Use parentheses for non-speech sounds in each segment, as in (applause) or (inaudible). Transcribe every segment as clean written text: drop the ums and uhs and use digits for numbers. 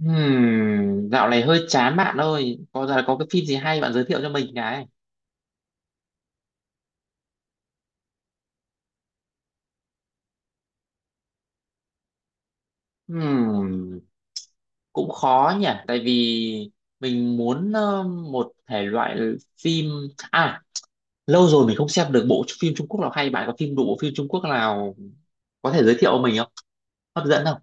Hmm, dạo này hơi chán bạn ơi. Có giờ có cái phim gì hay bạn giới thiệu cho mình cái. Hmm, cũng khó nhỉ, tại vì mình muốn một thể loại phim, à, lâu rồi mình không xem được bộ phim Trung Quốc nào hay. Bạn có phim đủ bộ phim Trung Quốc nào có thể giới thiệu mình không? Hấp dẫn không?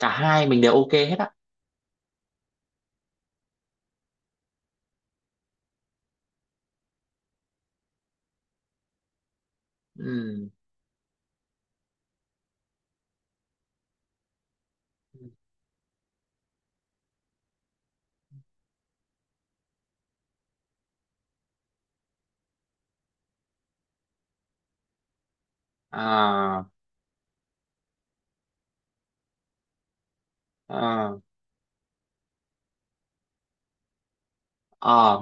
Cả hai mình đều ok hết á. Hmm. À, à, à,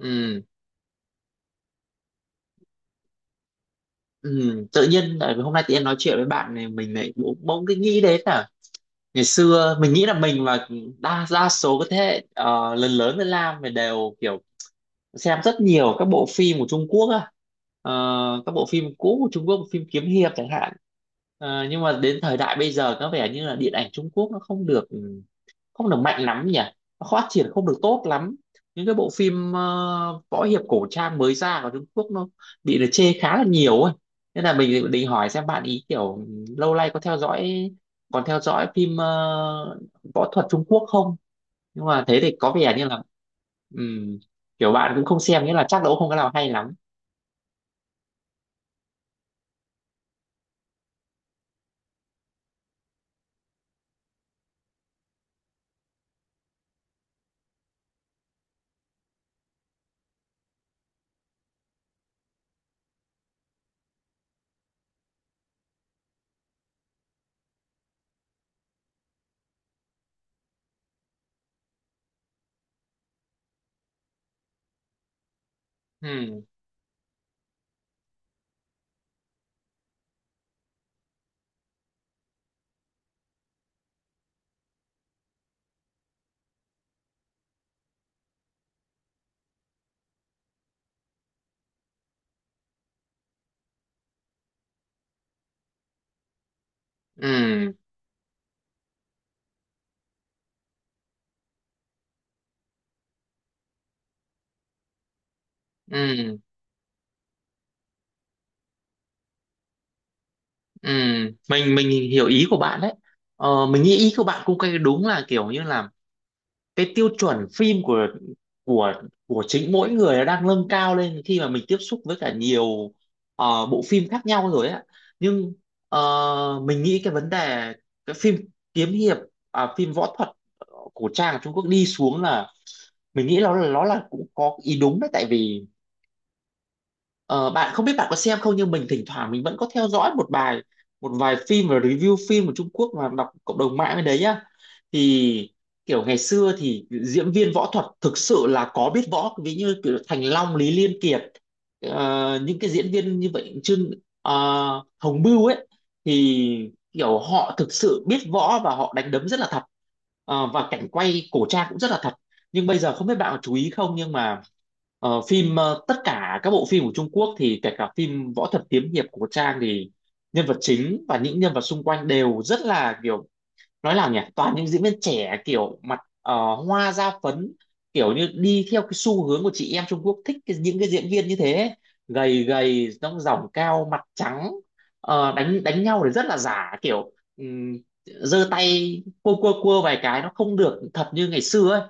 ừ, ừ. Tự nhiên tại vì hôm nay tự nhiên nói chuyện với bạn này mình lại bỗng bỗng cái nghĩ đến là ngày xưa mình nghĩ là mình và đa đa số cái thế hệ lớn lớn với Lam thì đều kiểu xem rất nhiều các bộ phim của Trung Quốc á. Ờ, các bộ phim cũ của Trung Quốc phim kiếm hiệp chẳng hạn. Ờ, nhưng mà đến thời đại bây giờ có vẻ như là điện ảnh Trung Quốc nó không được, không được mạnh lắm nhỉ, nó phát triển không được tốt lắm, những cái bộ phim võ hiệp cổ trang mới ra của Trung Quốc nó bị là chê khá là nhiều ấy, nên là mình định hỏi xem bạn ý kiểu lâu nay có theo dõi, còn theo dõi phim võ thuật Trung Quốc không. Nhưng mà thế thì có vẻ như là ừm, kiểu bạn cũng không xem nghĩa là chắc là cũng không có nào hay lắm. Ừ, ừ, ừ, ừ. Mình hiểu ý của bạn đấy. Ờ, mình nghĩ ý của bạn cũng cái đúng là kiểu như là cái tiêu chuẩn phim của của chính mỗi người nó đang nâng cao lên khi mà mình tiếp xúc với cả nhiều bộ phim khác nhau rồi á. Nhưng mình nghĩ cái vấn đề cái phim kiếm hiệp, à, phim võ thuật cổ trang ở Trung Quốc đi xuống là mình nghĩ nó là cũng có ý đúng đấy, tại vì ờ, bạn không biết bạn có xem không nhưng mình thỉnh thoảng mình vẫn có theo dõi một bài, một vài phim và review phim của Trung Quốc và đọc cộng đồng mạng bên đấy nhá. Thì kiểu ngày xưa thì diễn viên võ thuật thực sự là có biết võ, ví như kiểu Thành Long, Lý Liên Kiệt, những cái diễn viên như vậy, Trương ờ, Hồng Bưu ấy, thì kiểu họ thực sự biết võ và họ đánh đấm rất là thật. Ờ, và cảnh quay cổ trang cũng rất là thật. Nhưng bây giờ không biết bạn có chú ý không nhưng mà ờ, phim, tất cả các bộ phim của Trung Quốc thì kể cả phim võ thuật kiếm hiệp của Trang thì nhân vật chính và những nhân vật xung quanh đều rất là kiểu, nói nào nhỉ, toàn những diễn viên trẻ kiểu mặt hoa da phấn, kiểu như đi theo cái xu hướng của chị em Trung Quốc thích cái, những cái diễn viên như thế ấy. Gầy gầy dong dỏng cao mặt trắng, ờ, đánh đánh nhau thì rất là giả kiểu giơ tay cua cua cua vài cái nó không được thật như ngày xưa ấy.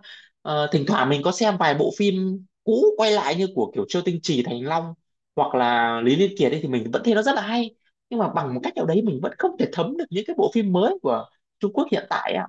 Ờ, thỉnh thoảng mình có xem vài bộ phim cũ quay lại như của kiểu Châu Tinh Trì, Thành Long hoặc là Lý Liên Kiệt ấy, thì mình vẫn thấy nó rất là hay. Nhưng mà bằng một cách nào đấy mình vẫn không thể thấm được những cái bộ phim mới của Trung Quốc hiện tại ạ.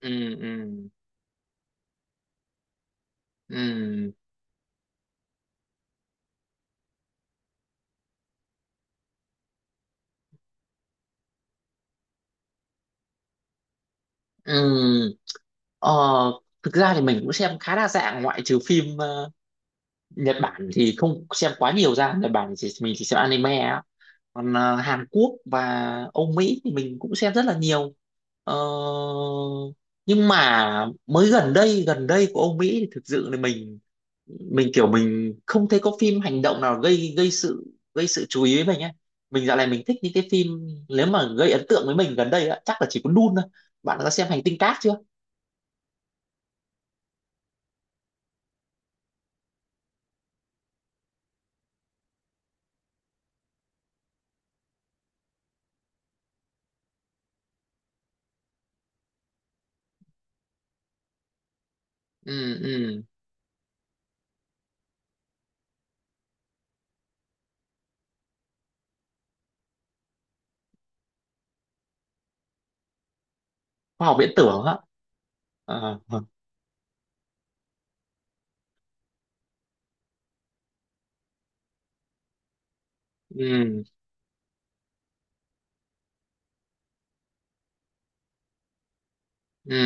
Ừ, ừ, ừ, ừ. Ờ, thực ra thì mình cũng xem khá đa dạng, ngoại trừ phim Nhật Bản thì không xem quá nhiều ra, Nhật Bản thì mình chỉ xem anime á, còn ờ, Hàn Quốc và Âu Mỹ thì mình cũng xem rất là nhiều. Ờ, nhưng mà mới gần đây của Âu Mỹ thì thực sự là mình, kiểu mình không thấy có phim hành động nào gây gây sự, gây sự chú ý với mình ấy. Mình dạo này mình thích những cái phim, nếu mà gây ấn tượng với mình gần đây á, chắc là chỉ có Dune thôi. Bạn đã xem Hành tinh cát chưa? Ừ, ừ. Khoa học viễn tưởng á. Ờ, vâng. Ừ. Ừ.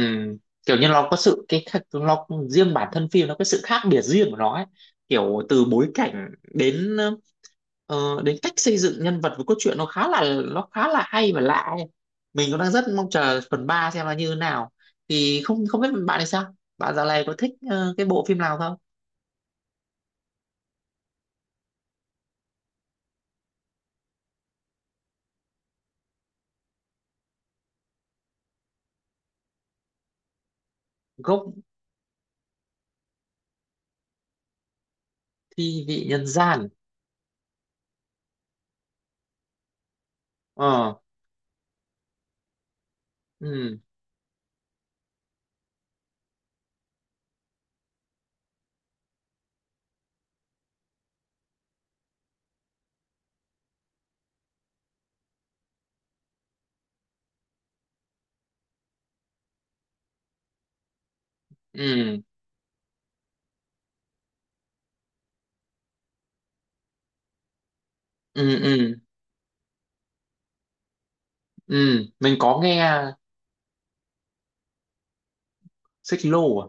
Kiểu như nó có sự cái khác, nó riêng bản thân phim nó có sự khác biệt riêng của nó ấy. Kiểu từ bối cảnh đến đến cách xây dựng nhân vật với cốt truyện nó khá là hay và lạ ấy. Mình cũng đang rất mong chờ phần 3 xem là như thế nào, thì không, không biết bạn thì sao, bạn dạo này có thích cái bộ phim nào không? Gốc. Thi vị nhân gian. Ờ. Ừ, ừ, ừ, ừ, ừ. Mình có nghe. Xích lô à.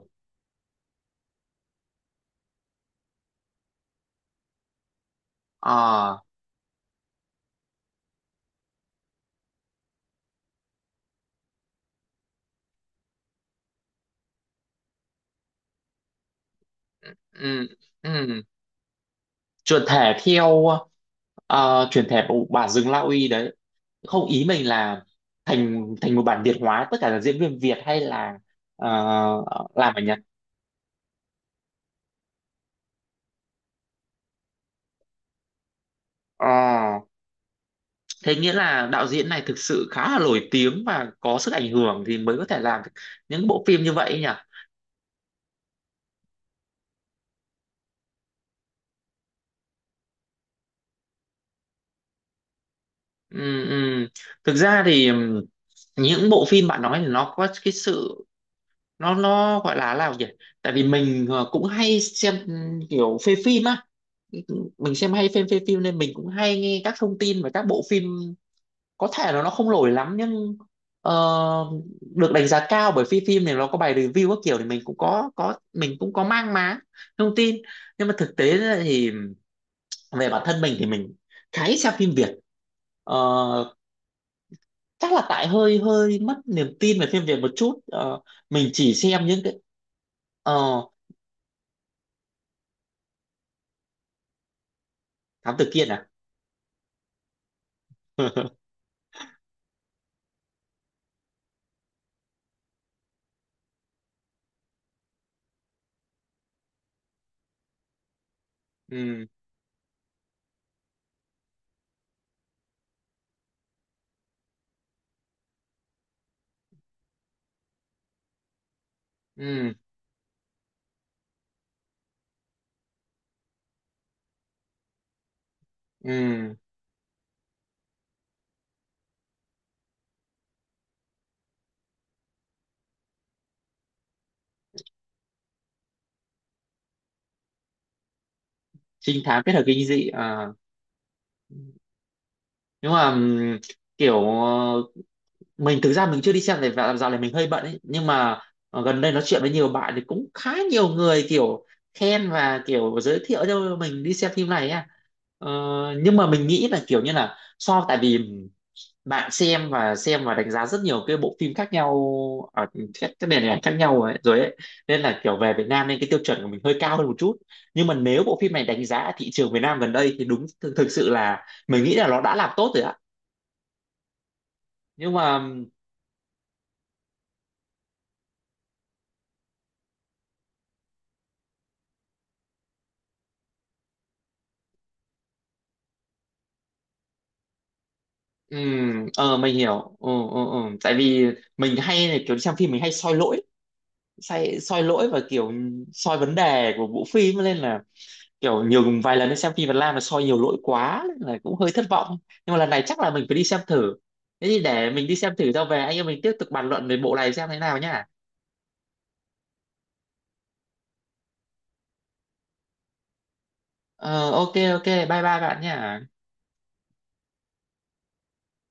Ờ, ừ, ừ. Chuyển thể theo, ờ, chuyển thể bộ bản Rừng La Uy đấy. Không, ý mình là thành, thành một bản Việt hóa, tất cả là diễn viên Việt hay là, ờ, làm ở Nhật. Ờ, thế nghĩa là đạo diễn này thực sự khá là nổi tiếng và có sức ảnh hưởng thì mới có thể làm được những bộ phim như vậy ấy nhỉ. Ừ, ừ. Thực ra thì những bộ phim bạn nói thì nó có cái sự, nó gọi là gì, tại vì mình cũng hay xem, ừ, kiểu phê phim á. Mình xem hay phim phê phim nên mình cũng hay nghe các thông tin về các bộ phim, có thể là nó không nổi lắm nhưng ờ, được đánh giá cao bởi phim phim này nó có bài review các kiểu thì mình cũng có, mang má thông tin. Nhưng mà thực tế ra thì về bản thân mình thì mình khá ít xem phim Việt. Ờ, chắc là tại hơi hơi mất niềm tin về phim Việt một chút. Ờ, mình chỉ xem những cái, ờ, thám tử Kiên à. (laughs) Ừ, ừ, ừ. Trinh thám kết hợp kinh dị à. Nhưng mà kiểu ờ, mình thực ra mình chưa đi xem này và dạo này mình hơi bận ấy, nhưng mà ờ, gần đây nói chuyện với nhiều bạn thì cũng khá nhiều người kiểu khen và kiểu giới thiệu cho mình đi xem phim này á. Ờ, nhưng mà mình nghĩ là kiểu như là so, tại vì bạn xem và đánh giá rất nhiều cái bộ phim khác nhau ở các nền ảnh khác nhau ấy, rồi ấy, nên là kiểu về Việt Nam nên cái tiêu chuẩn của mình hơi cao hơn một chút. Nhưng mà nếu bộ phim này đánh giá thị trường Việt Nam gần đây thì đúng thực, thực sự là mình nghĩ là nó đã làm tốt rồi ạ. Nhưng mà ờ, mình hiểu. Ừ, ừ, ừ. Tại vì mình hay là kiểu đi xem phim mình hay soi lỗi, soi, lỗi và kiểu soi vấn đề của bộ phim nên là kiểu nhiều vài lần đi xem phim Việt Nam là soi nhiều lỗi quá nên là cũng hơi thất vọng. Nhưng mà lần này chắc là mình phải đi xem thử. Thế thì để mình đi xem thử sau về anh em mình tiếp tục bàn luận về bộ này xem thế nào nhá. Ờ, ok ok, bye bye bạn nhá.